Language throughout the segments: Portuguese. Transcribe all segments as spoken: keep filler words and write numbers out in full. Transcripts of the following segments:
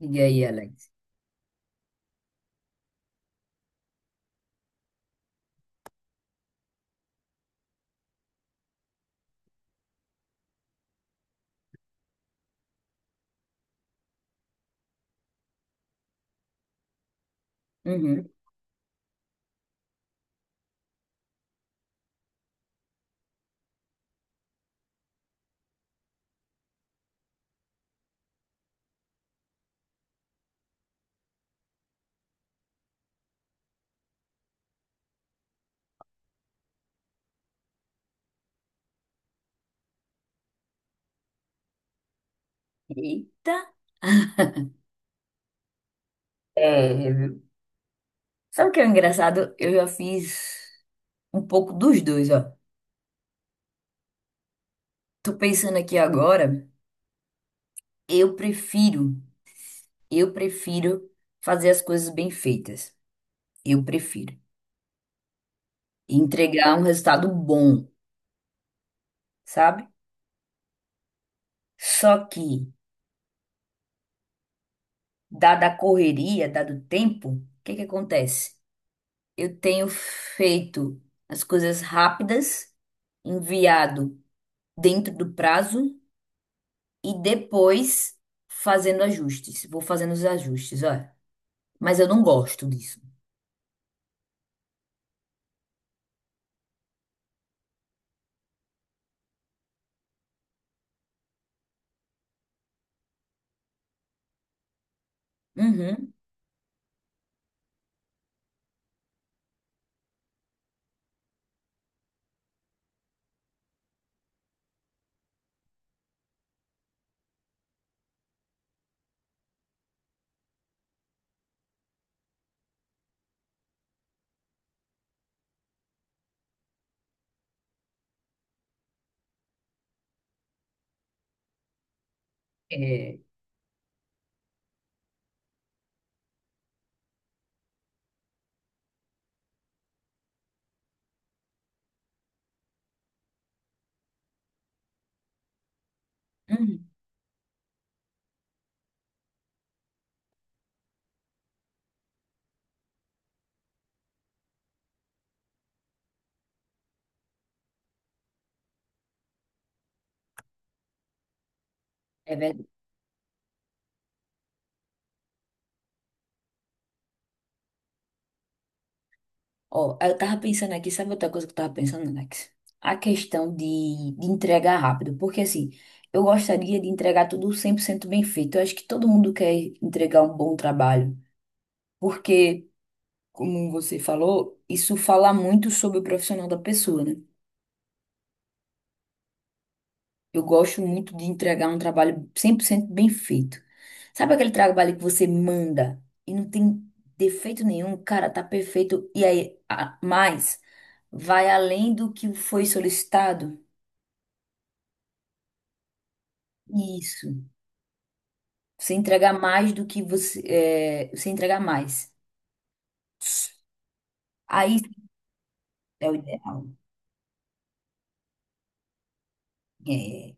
E aí, Alex? Uhum. Eita! É, viu? Sabe o que é engraçado? Eu já fiz um pouco dos dois, ó. Tô pensando aqui agora, eu prefiro, eu prefiro fazer as coisas bem feitas. Eu prefiro entregar um resultado bom, sabe? Só que, dada a correria, dado o tempo, o que que acontece? Eu tenho feito as coisas rápidas, enviado dentro do prazo e depois fazendo ajustes. Vou fazendo os ajustes, olha. Mas eu não gosto disso. Uhum. É, uhum. É verdade. Ó, eu tava pensando aqui, sabe outra coisa que eu tava pensando, Alex? A questão de, de entregar rápido. Porque assim, eu gostaria de entregar tudo cem por cento bem feito. Eu acho que todo mundo quer entregar um bom trabalho. Porque, como você falou, isso fala muito sobre o profissional da pessoa, né? Eu gosto muito de entregar um trabalho cem por cento bem feito. Sabe aquele trabalho que você manda e não tem defeito nenhum, cara, tá perfeito. E aí, a- mais, vai além do que foi solicitado? Isso. Você entregar mais do que você, é, você entregar mais. Aí é o ideal. É.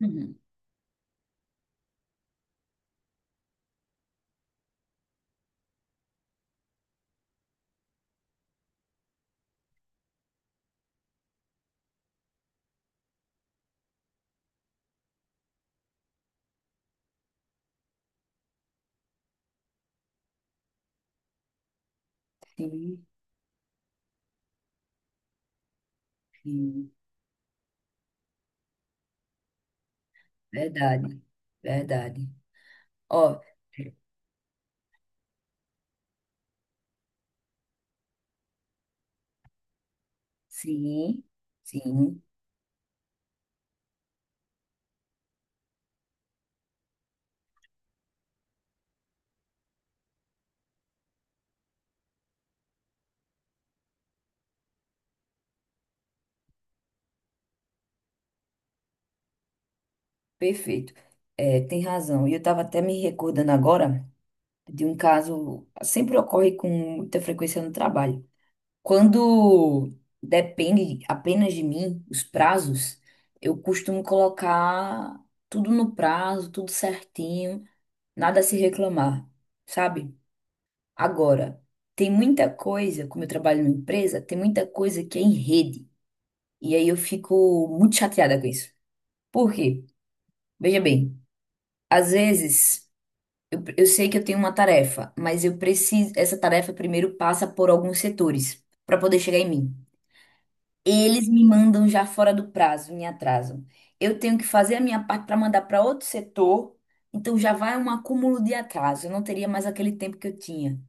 Uhum. Sim, sim. Verdade. Verdade. Ó, sim, sim, perfeito. É, tem razão. E eu tava até me recordando agora, de um caso sempre ocorre com muita frequência no trabalho. Quando depende apenas de mim, os prazos, eu costumo colocar tudo no prazo, tudo certinho, nada a se reclamar, sabe? Agora, tem muita coisa, como eu trabalho numa empresa, tem muita coisa que é em rede. E aí eu fico muito chateada com isso. Por quê? Veja bem, às vezes. Eu, eu sei que eu tenho uma tarefa, mas eu preciso. Essa tarefa primeiro passa por alguns setores para poder chegar em mim. Eles me mandam já fora do prazo, me atrasam. Eu tenho que fazer a minha parte para mandar para outro setor, então já vai um acúmulo de atraso. Eu não teria mais aquele tempo que eu tinha.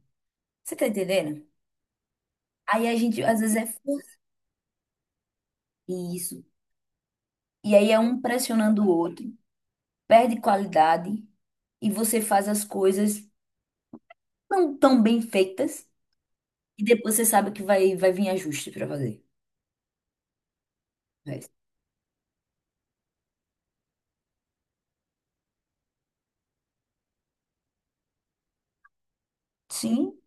Você tá entendendo? Aí a gente às vezes é for- isso. E aí é um pressionando o outro, perde qualidade e você faz as coisas não tão bem feitas e depois você sabe que vai vai vir ajuste para fazer. Mas- Sim,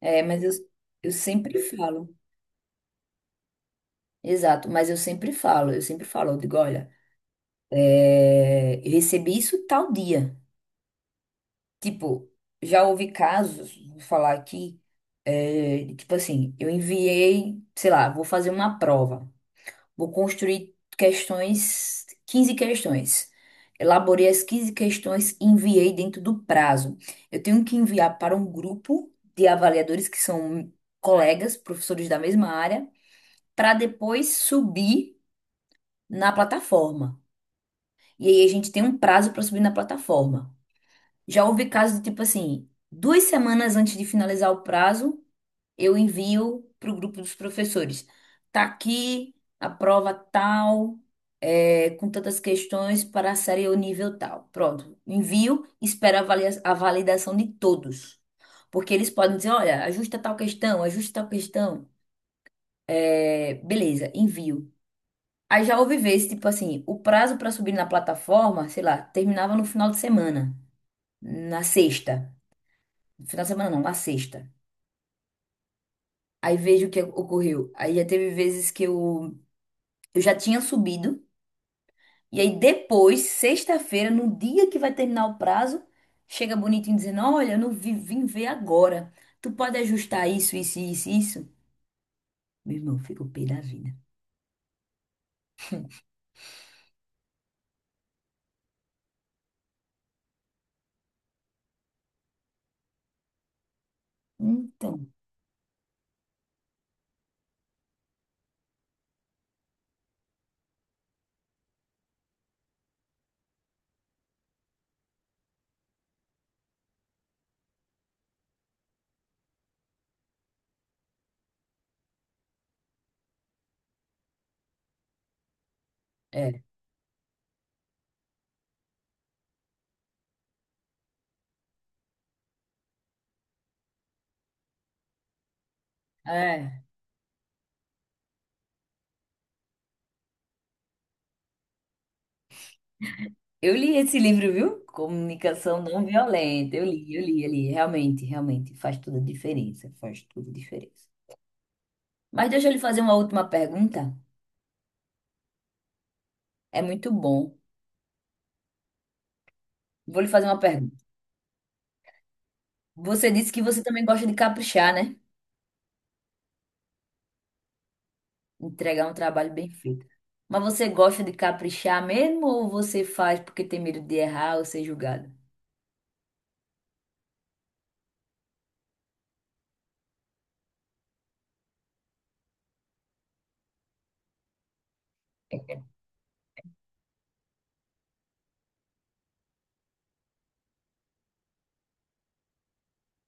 é, mas eu, eu sempre falo. Exato, mas eu sempre falo, eu sempre falo, eu digo, olha, é, eu recebi isso tal dia. Tipo, já houve casos, vou falar aqui, é, tipo assim, eu enviei, sei lá, vou fazer uma prova, vou construir questões, quinze questões. Elaborei as quinze questões e enviei dentro do prazo. Eu tenho que enviar para um grupo de avaliadores que são colegas, professores da mesma área, para depois subir na plataforma. E aí a gente tem um prazo para subir na plataforma. Já houve casos de tipo assim, duas semanas antes de finalizar o prazo, eu envio para o grupo dos professores. Tá aqui a prova tal, é, com tantas questões para a série ou nível tal. Pronto, envio, espero a valia- a validação de todos. Porque eles podem dizer, olha, ajusta tal questão, ajusta tal questão. É, beleza, envio. Aí já houve vezes, tipo assim, o prazo pra subir na plataforma, sei lá, terminava no final de semana, na sexta. No final de semana não, na sexta. Aí vejo o que ocorreu. Aí já teve vezes que eu, eu já tinha subido, e aí depois, sexta-feira, no dia que vai terminar o prazo, chega bonitinho dizendo: Olha, eu não vi, vim ver agora. Tu pode ajustar isso, isso, isso, isso? Meu irmão, fica pé da vida. Então, é. É. Eu li esse livro, viu? Comunicação não violenta. Eu li, eu li, eu li. Realmente, realmente faz toda a diferença. Faz toda a diferença. Mas deixa eu lhe fazer uma última pergunta. É muito bom. Vou lhe fazer uma pergunta. Você disse que você também gosta de caprichar, né? Entregar um trabalho bem feito. Mas você gosta de caprichar mesmo ou você faz porque tem medo de errar ou ser julgado?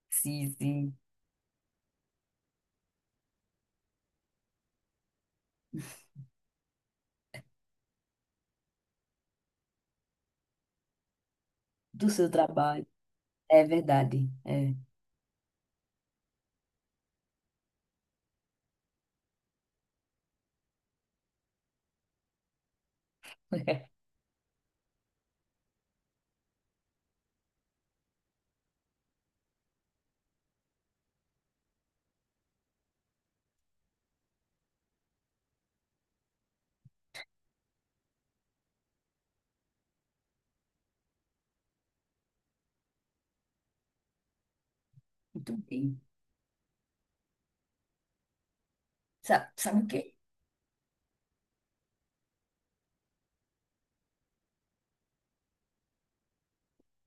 Sim, sim. Do seu trabalho. É verdade. É. Muito bem. Sabe, sabe o quê?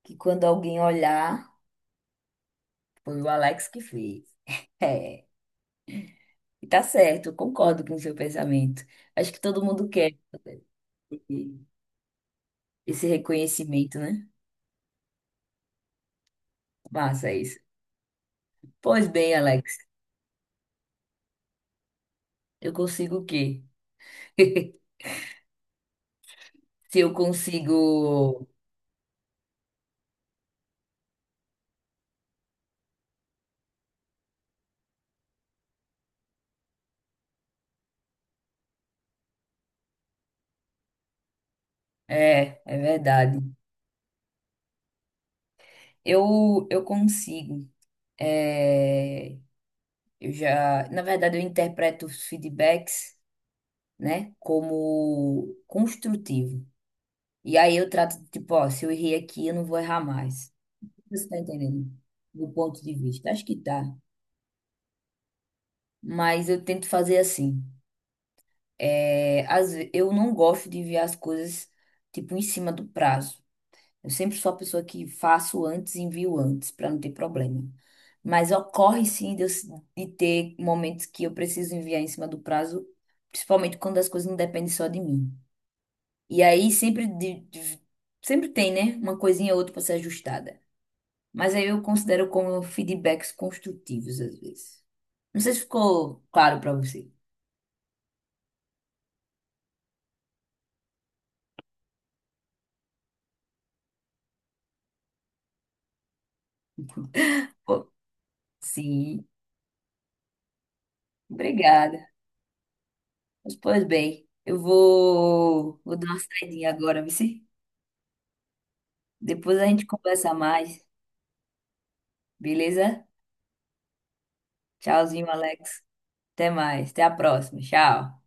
Que quando alguém olhar. Foi o Alex que fez. É, e tá certo, eu concordo com o seu pensamento. Acho que todo mundo quer esse reconhecimento, né? Massa isso. Pois bem, Alex, eu consigo o quê? Se eu consigo. É, é verdade. Eu, eu consigo. É, eu já. Na verdade, eu interpreto os feedbacks, né, como construtivo. E aí eu trato, tipo, ó, se eu errei aqui, eu não vou errar mais. Você está entendendo? Do ponto de vista. Acho que tá. Mas eu tento fazer assim. É, às ve- eu não gosto de enviar as coisas, tipo, em cima do prazo. Eu sempre sou a pessoa que faço antes e envio antes, para não ter problema. Mas ocorre sim de, eu s- de ter momentos que eu preciso enviar em cima do prazo, principalmente quando as coisas não dependem só de mim. E aí sempre, de- de- sempre tem, né? Uma coisinha ou outra para ser ajustada. Mas aí eu considero como feedbacks construtivos, às vezes. Não sei se ficou claro para você. Ficou? Sim, obrigada. Mas, pois bem, eu vou, vou dar uma saidinha agora, vice. Depois a gente conversa mais, beleza? Tchauzinho, Alex. Até mais. Até a próxima. Tchau.